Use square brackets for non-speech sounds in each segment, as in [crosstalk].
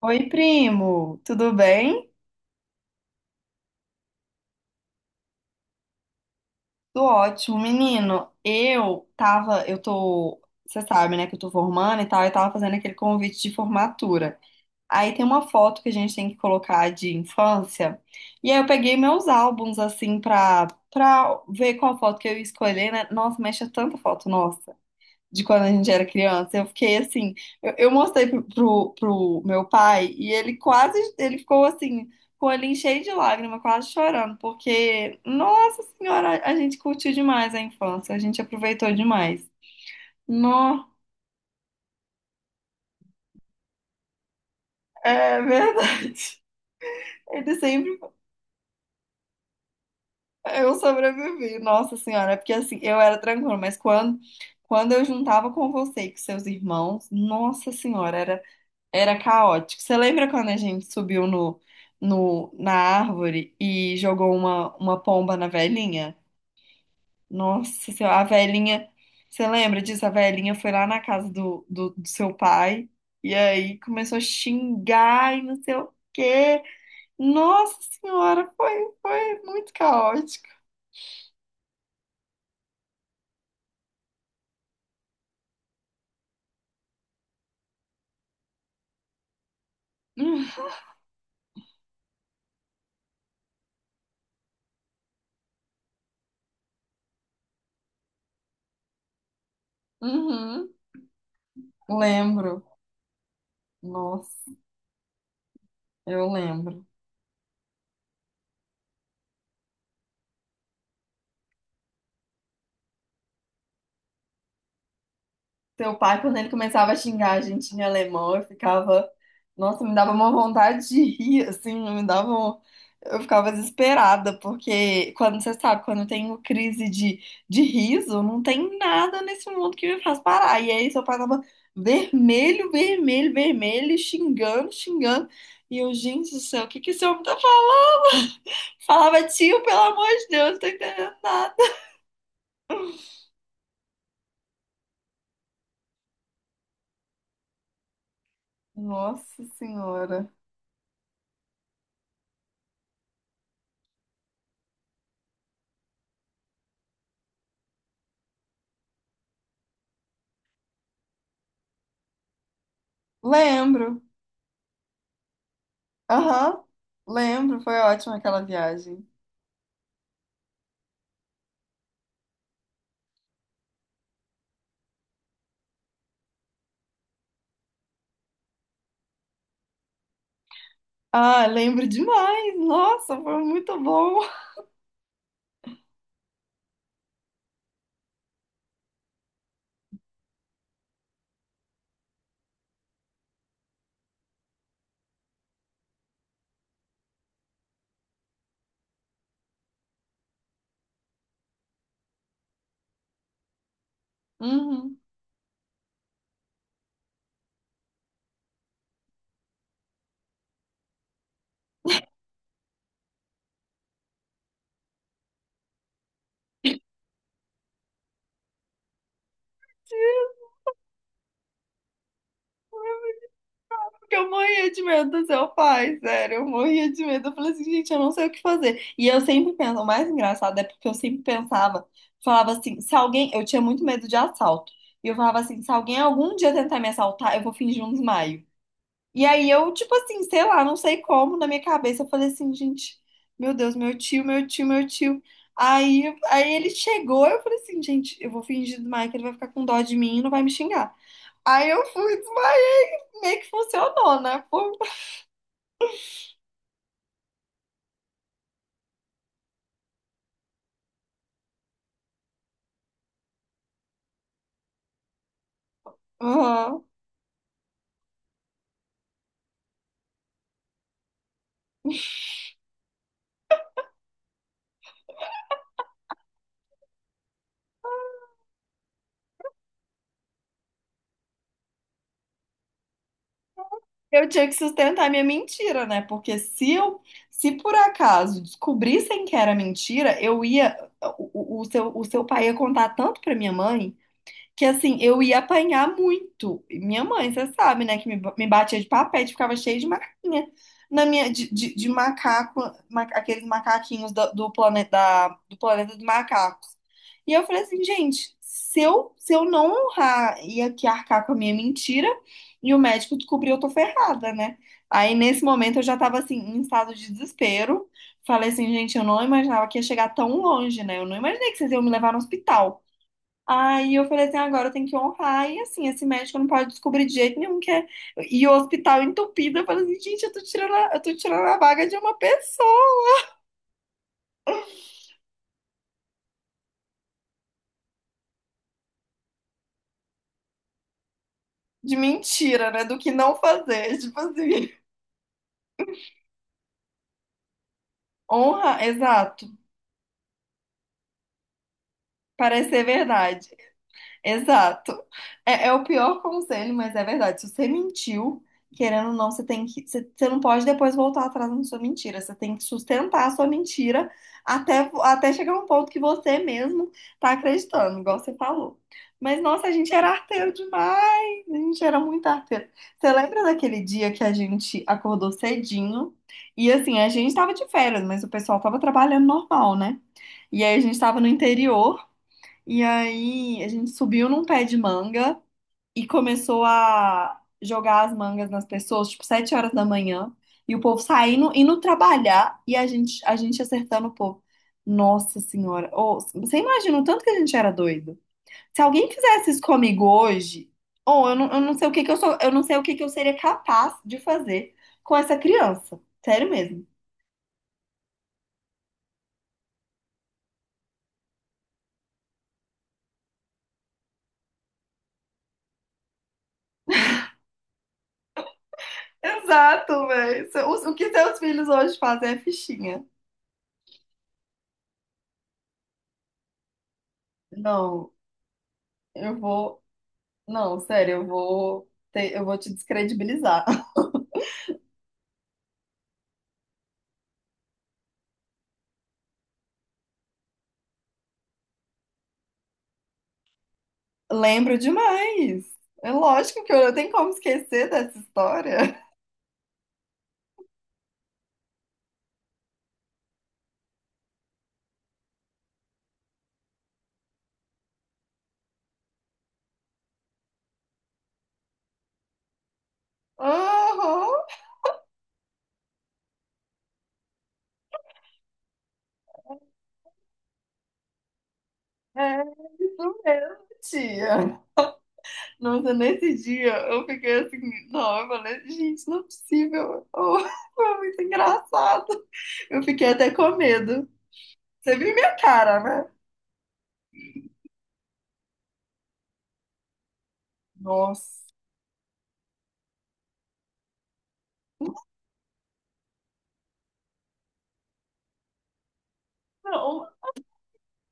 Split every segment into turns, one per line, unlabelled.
Oi, primo, tudo bem? Tudo ótimo, menino. Eu tava, eu tô, você sabe, né, que eu tô formando e tal, eu tava fazendo aquele convite de formatura. Aí tem uma foto que a gente tem que colocar de infância. E aí eu peguei meus álbuns assim pra ver qual foto que eu ia escolher, né? Nossa, mexe tanta foto, nossa de quando a gente era criança. Eu fiquei assim, eu mostrei pro meu pai e ele quase, ele ficou assim, com o olhinho cheio de lágrima, quase chorando, porque, nossa senhora, a gente curtiu demais a infância, a gente aproveitou demais. Nó, é verdade. [laughs] Ele sempre, eu sobrevivi, nossa senhora, é porque assim, eu era tranquila, quando eu juntava com você e com seus irmãos, nossa senhora, era caótico. Você lembra quando a gente subiu no, no, na árvore e jogou uma pomba na velhinha? Nossa senhora, a velhinha. Você lembra disso? A velhinha foi lá na casa do seu pai e aí começou a xingar e não sei o quê. Nossa senhora, foi muito caótico. Uhum, lembro. Nossa, eu lembro. Seu pai, quando ele começava a xingar a gente em alemão, eu ficava. Nossa, me dava uma vontade de rir, assim, me dava. Eu ficava desesperada, porque quando você sabe, quando eu tenho crise de riso, não tem nada nesse mundo que me faz parar. E aí seu pai tava vermelho, vermelho, vermelho, xingando, xingando. E eu, gente do céu, o que que esse homem tá falando? Falava, tio, pelo amor de Deus, não tô entendendo nada. Nossa Senhora. Lembro. Aham, lembro, foi ótima aquela viagem. Ah, lembro demais. Nossa, foi muito bom. Uhum. Porque eu morria de medo do seu pai, sério, eu morria de medo. Eu falei assim, gente, eu não sei o que fazer. E eu sempre penso, o mais engraçado é porque eu sempre pensava, falava assim, se alguém, eu tinha muito medo de assalto. E eu falava assim, se alguém algum dia tentar me assaltar, eu vou fingir um desmaio. E aí eu, tipo assim, sei lá, não sei como, na minha cabeça eu falei assim, gente, meu Deus, meu tio. Aí ele chegou, eu falei assim, gente, eu vou fingir demais que ele vai ficar com dó de mim e não vai me xingar. Aí eu fui, desmaiei, meio que funcionou, né? Pô, aham. Eu tinha que sustentar minha mentira, né? Porque se eu, se por acaso descobrissem que era mentira, eu ia, o seu pai ia contar tanto pra minha mãe. Que assim, eu ia apanhar muito. E Minha mãe, você sabe, né, que me batia de papete, ficava cheia de marquinha na minha de macaco, aqueles macaquinhos do planeta dos macacos. E eu falei assim, gente, se eu não honrar e aqui arcar com a minha mentira, e o médico descobriu, eu tô ferrada, né? Aí nesse momento eu já tava assim, em estado de desespero. Falei assim, gente, eu não imaginava que ia chegar tão longe, né? Eu não imaginei que vocês iam me levar no hospital. Aí eu falei assim, agora eu tenho que honrar. E assim, esse médico não pode descobrir de jeito nenhum que é. E o hospital entupido. Eu falei assim, gente, eu tô tirando a vaga de uma pessoa. De mentira, né? Do que não fazer. [laughs] Tipo assim, honra, exato. Parece ser verdade. Exato. É, é o pior conselho, mas é verdade. Se você mentiu, querendo ou não, você tem que, você, você não pode depois voltar atrás na sua mentira. Você tem que sustentar a sua mentira até chegar a um ponto que você mesmo tá acreditando, igual você falou. Mas, nossa, a gente era arteiro demais. A gente era muito arteiro. Você lembra daquele dia que a gente acordou cedinho? E assim, a gente tava de férias, mas o pessoal tava trabalhando normal, né? E aí a gente tava no interior. E aí a gente subiu num pé de manga e começou a jogar as mangas nas pessoas, tipo, 7 horas da manhã, e o povo saindo, indo trabalhar e a gente acertando o povo. Nossa Senhora, ô, você imagina o tanto que a gente era doido? Se alguém fizesse isso comigo hoje, ou eu não sei o que que eu sou, eu não sei o que que eu seria capaz de fazer com essa criança. Sério mesmo. Exato, velho. O que seus filhos hoje fazem é fichinha. Não, eu vou. Não, sério, eu vou te descredibilizar. [laughs] Lembro demais. É lógico que eu não tenho como esquecer dessa história. [laughs] Aham, é isso mesmo, tia. Nossa, nesse dia eu fiquei assim, não, eu falei, gente, não é possível. Oh, [laughs] foi muito engraçado. Eu fiquei até com medo. Você viu minha cara, né? Nossa. Não.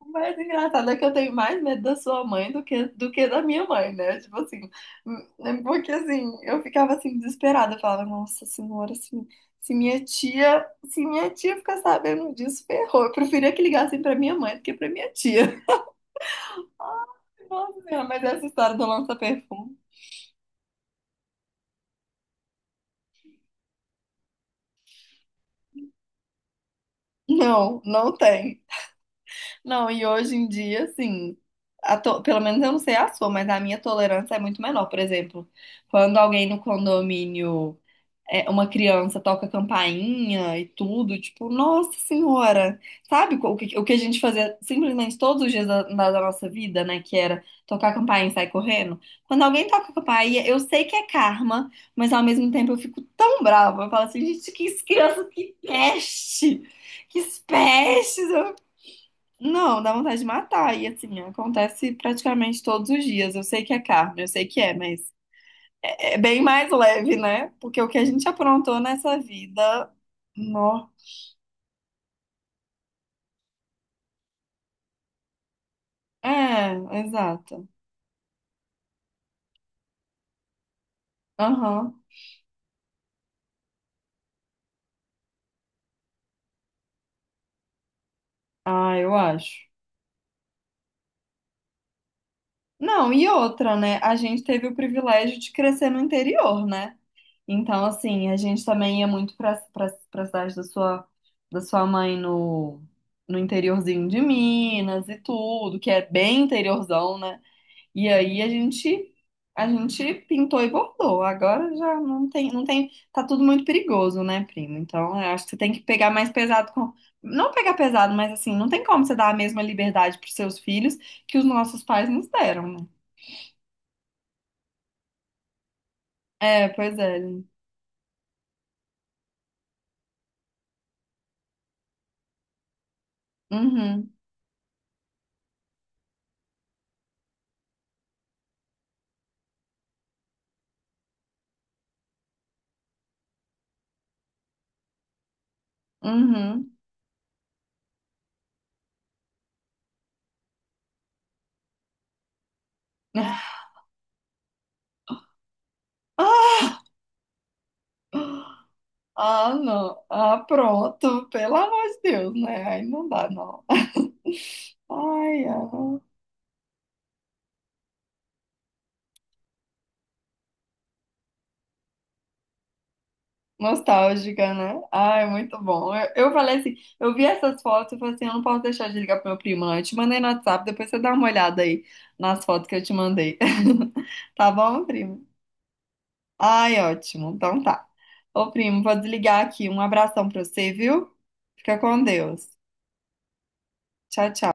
O mais engraçado é que eu tenho mais medo da sua mãe do que da minha mãe, né? Tipo assim, porque assim, eu ficava assim desesperada, eu falava, nossa senhora, assim, se minha tia ficar sabendo disso, ferrou. Eu preferia que ligassem pra minha mãe do que pra minha tia. [laughs] Nossa senhora, mas essa história do lança-perfume, não, não tem. Não, e hoje em dia, assim, pelo menos eu não sei a sua, mas a minha tolerância é muito menor. Por exemplo, quando alguém no condomínio é, uma criança toca campainha e tudo, tipo, nossa senhora, sabe o que a gente fazia simplesmente todos os dias da nossa vida, né? Que era tocar campainha e sair correndo. Quando alguém toca campainha, eu sei que é karma, mas ao mesmo tempo eu fico tão brava. Eu falo assim, gente, que criança, que peste! Que pestes! Não, dá vontade de matar. E assim, acontece praticamente todos os dias. Eu sei que é karma, eu sei que é, mas. É bem mais leve, né? Porque o que a gente aprontou nessa vida. Nó. É, exato. Aham. Ah, eu acho. Não, e outra, né? A gente teve o privilégio de crescer no interior, né? Então, assim, a gente também ia muito pra cidade da sua mãe no, no interiorzinho de Minas e tudo, que é bem interiorzão, né? E aí a gente pintou e bordou. Agora já não tem não tem tá tudo muito perigoso, né, primo? Então, eu acho que você tem que pegar mais pesado com não pegar pesado, mas assim, não tem como você dar a mesma liberdade para seus filhos que os nossos pais nos deram, né? É, pois é. Uhum. Uhum. [laughs] Ah, não. Ah, pronto. Pelo amor de Deus, né? Aí não dá, não. [laughs] Ai, ai. Nostálgica, né? Ai, muito bom. Eu falei assim, eu vi essas fotos e falei assim, eu não posso deixar de ligar pro meu primo, não. Eu te mandei no WhatsApp, depois você dá uma olhada aí nas fotos que eu te mandei. [laughs] Tá bom, primo? Ai, ótimo. Então tá. Ô, primo, vou desligar aqui. Um abração pra você, viu? Fica com Deus. Tchau, tchau.